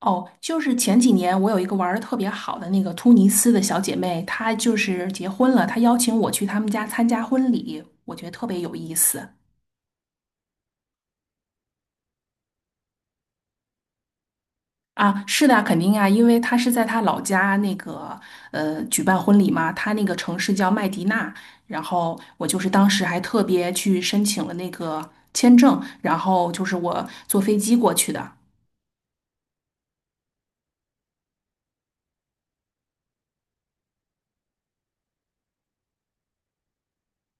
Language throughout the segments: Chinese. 哦，就是前几年我有一个玩的特别好的那个突尼斯的小姐妹，她就是结婚了，她邀请我去他们家参加婚礼，我觉得特别有意思啊。是的，肯定啊，因为她是在她老家那个举办婚礼嘛，她那个城市叫麦迪娜，然后我就是当时还特别去申请了那个签证，然后就是我坐飞机过去的。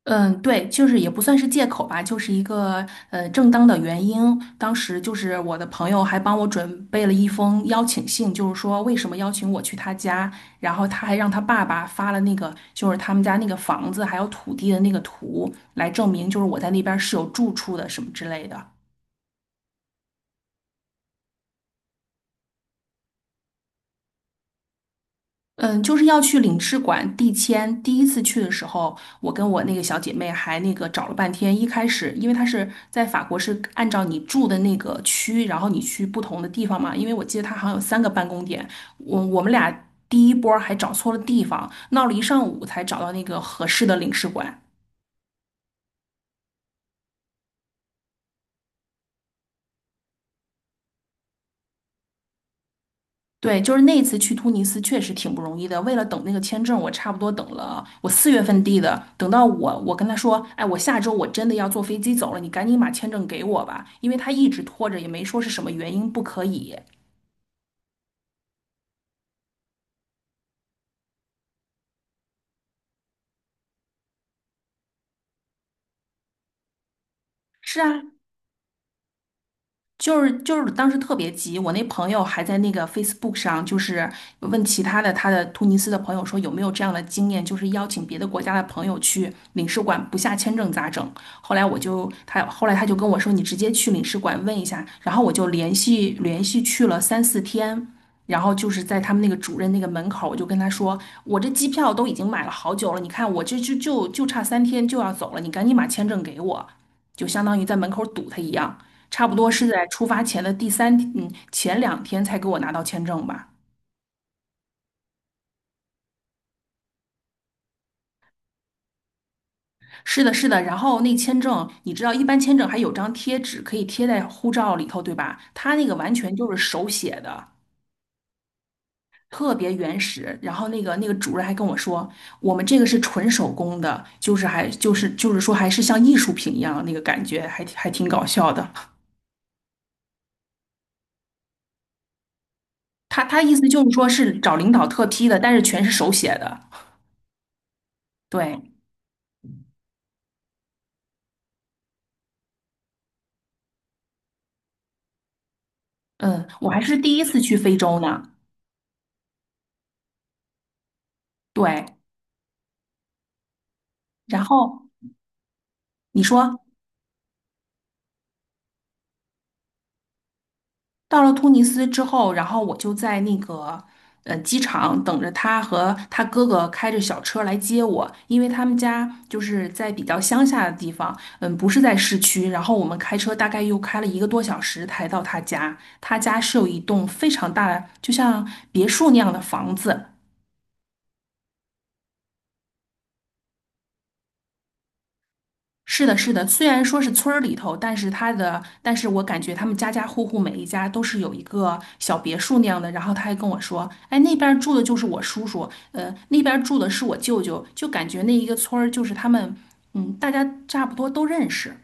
嗯，对，就是也不算是借口吧，就是一个正当的原因。当时就是我的朋友还帮我准备了一封邀请信，就是说为什么邀请我去他家，然后他还让他爸爸发了那个就是他们家那个房子还有土地的那个图，来证明就是我在那边是有住处的什么之类的。嗯，就是要去领事馆递签。第一次去的时候，我跟我那个小姐妹还那个找了半天。一开始，因为她是在法国，是按照你住的那个区，然后你去不同的地方嘛。因为我记得她好像有3个办公点，我们俩第一波儿还找错了地方，闹了一上午才找到那个合适的领事馆。对，就是那一次去突尼斯确实挺不容易的。为了等那个签证，我差不多等了，我4月份递的，等到我跟他说，哎，我下周我真的要坐飞机走了，你赶紧把签证给我吧，因为他一直拖着，也没说是什么原因不可以。是啊，就是当时特别急，我那朋友还在那个 Facebook 上，就是问其他的他的突尼斯的朋友说有没有这样的经验，就是邀请别的国家的朋友去领事馆不下签证咋整？后来我就他后来他就跟我说你直接去领事馆问一下，然后我就连续去了3、4天。然后就是在他们那个主任那个门口，我就跟他说："我这机票都已经买了好久了，你看我这就差三天就要走了，你赶紧把签证给我。"就相当于在门口堵他一样。差不多是在出发前的第三天前2天才给我拿到签证吧。是的，是的。然后那签证，你知道，一般签证还有张贴纸可以贴在护照里头，对吧？他那个完全就是手写的，特别原始。然后那个主任还跟我说，我们这个是纯手工的，就是说还是像艺术品一样，那个感觉还挺搞笑的。他意思就是说是找领导特批的，但是全是手写的。对，嗯，我还是第一次去非洲呢。对。然后你说到了突尼斯之后，然后我就在那个机场等着他和他哥哥开着小车来接我，因为他们家就是在比较乡下的地方，嗯，不是在市区。然后我们开车大概又开了一个多小时才到他家。他家是有一栋非常大的，就像别墅那样的房子，是的，是的，虽然说是村儿里头，但是他的，但是我感觉他们家家户户每一家都是有一个小别墅那样的。然后他还跟我说，哎，那边儿住的就是我叔叔，那边儿住的是我舅舅，就感觉那一个村儿就是他们，嗯，大家差不多都认识，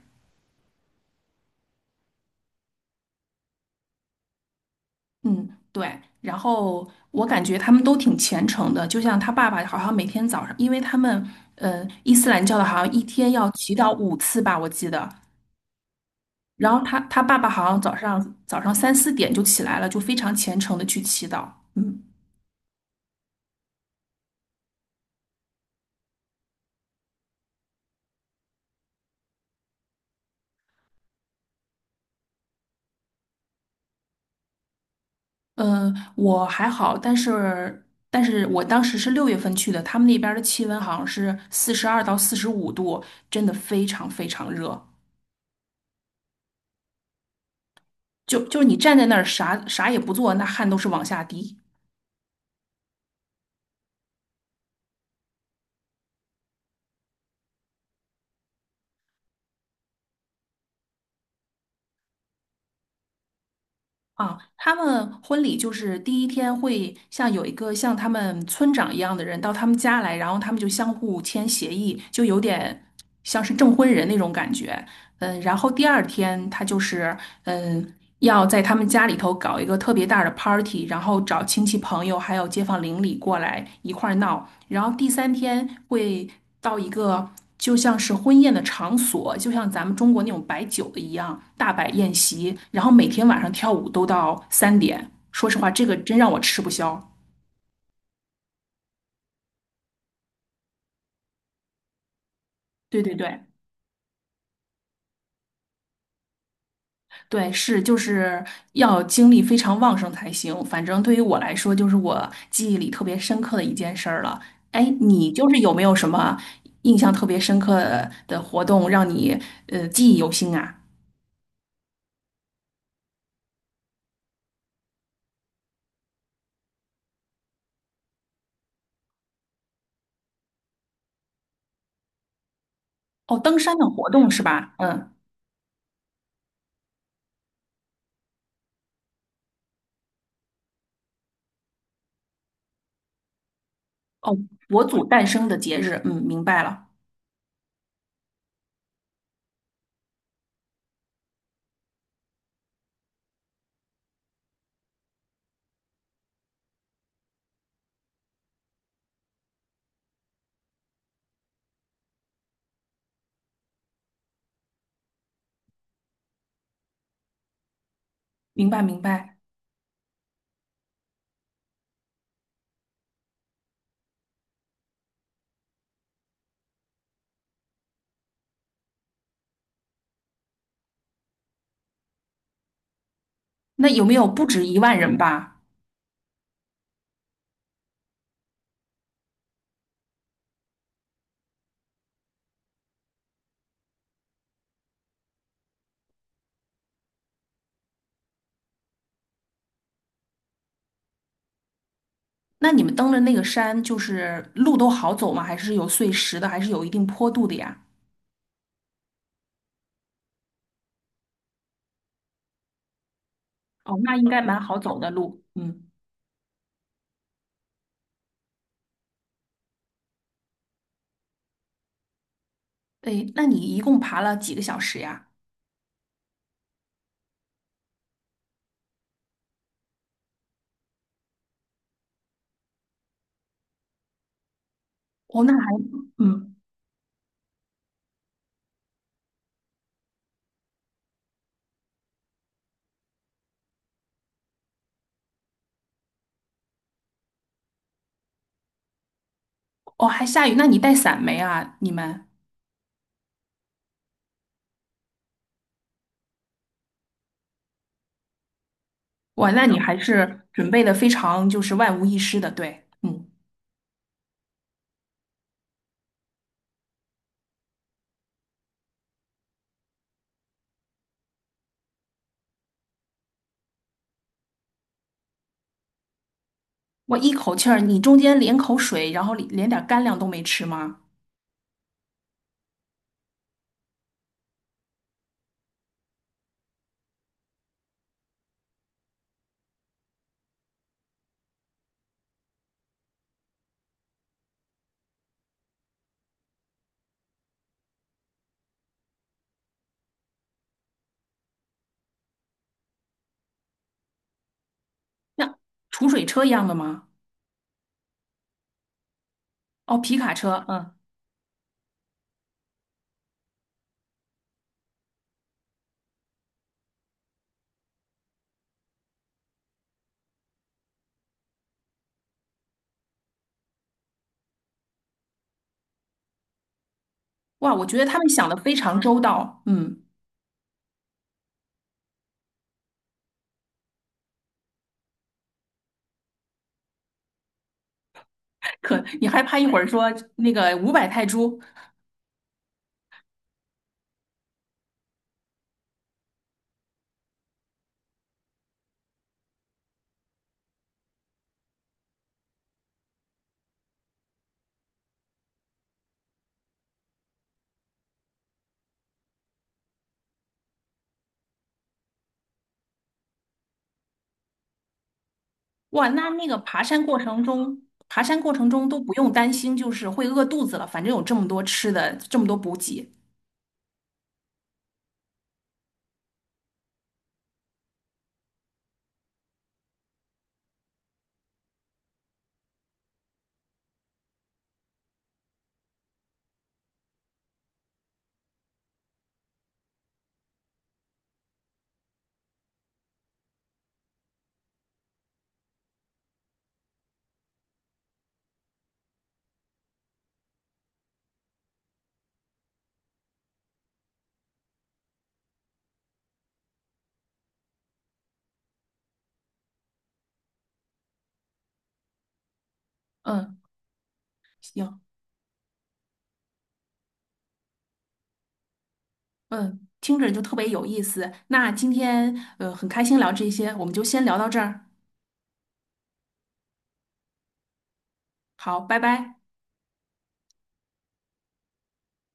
嗯，对。然后我感觉他们都挺虔诚的，就像他爸爸好像每天早上，因为他们，伊斯兰教的好像一天要祈祷5次吧，我记得。然后他爸爸好像早上3、4点就起来了，就非常虔诚的去祈祷。嗯嗯，我还好，但是我当时是6月份去的，他们那边儿的气温好像是42到45度，真的非常非常热。就是你站在那儿啥也不做，那汗都是往下滴。啊，他们婚礼就是第1天会像有一个像他们村长一样的人到他们家来，然后他们就相互签协议，就有点像是证婚人那种感觉。嗯，然后第2天他就是嗯要在他们家里头搞一个特别大的 party,然后找亲戚朋友还有街坊邻里过来一块儿闹。然后第三天会到一个。就像是婚宴的场所，就像咱们中国那种摆酒的一样，大摆宴席，然后每天晚上跳舞都到3点。说实话，这个真让我吃不消。对对对对，是就是要精力非常旺盛才行。反正对于我来说，就是我记忆里特别深刻的一件事儿了。哎，你就是有没有什么印象特别深刻的活动，让你记忆犹新啊？哦，登山的活动是吧？嗯，哦，佛祖诞生的节日，嗯，明白了。明白明白。那有没有不止1万人吧？那你们登的那个山，就是路都好走吗？还是有碎石的，还是有一定坡度的呀？哦，那应该蛮好走的路。嗯，对，那你一共爬了几个小时呀？哦，那还，嗯，哦，还下雨，那你带伞没啊？你们，哇，那你还是准备的非常就是万无一失的，对，嗯，我一口气儿，你中间连口水，然后连点儿干粮都没吃吗？那储水车一样的吗？哦，皮卡车，嗯。哇，我觉得他们想的非常周到。嗯，可你害怕一会儿说那个500泰铢，哇，那那个爬山过程中，爬山过程中都不用担心，就是会饿肚子了，反正有这么多吃的，这么多补给。嗯，行，嗯，听着就特别有意思。那今天很开心聊这些，我们就先聊到这儿。好，拜拜。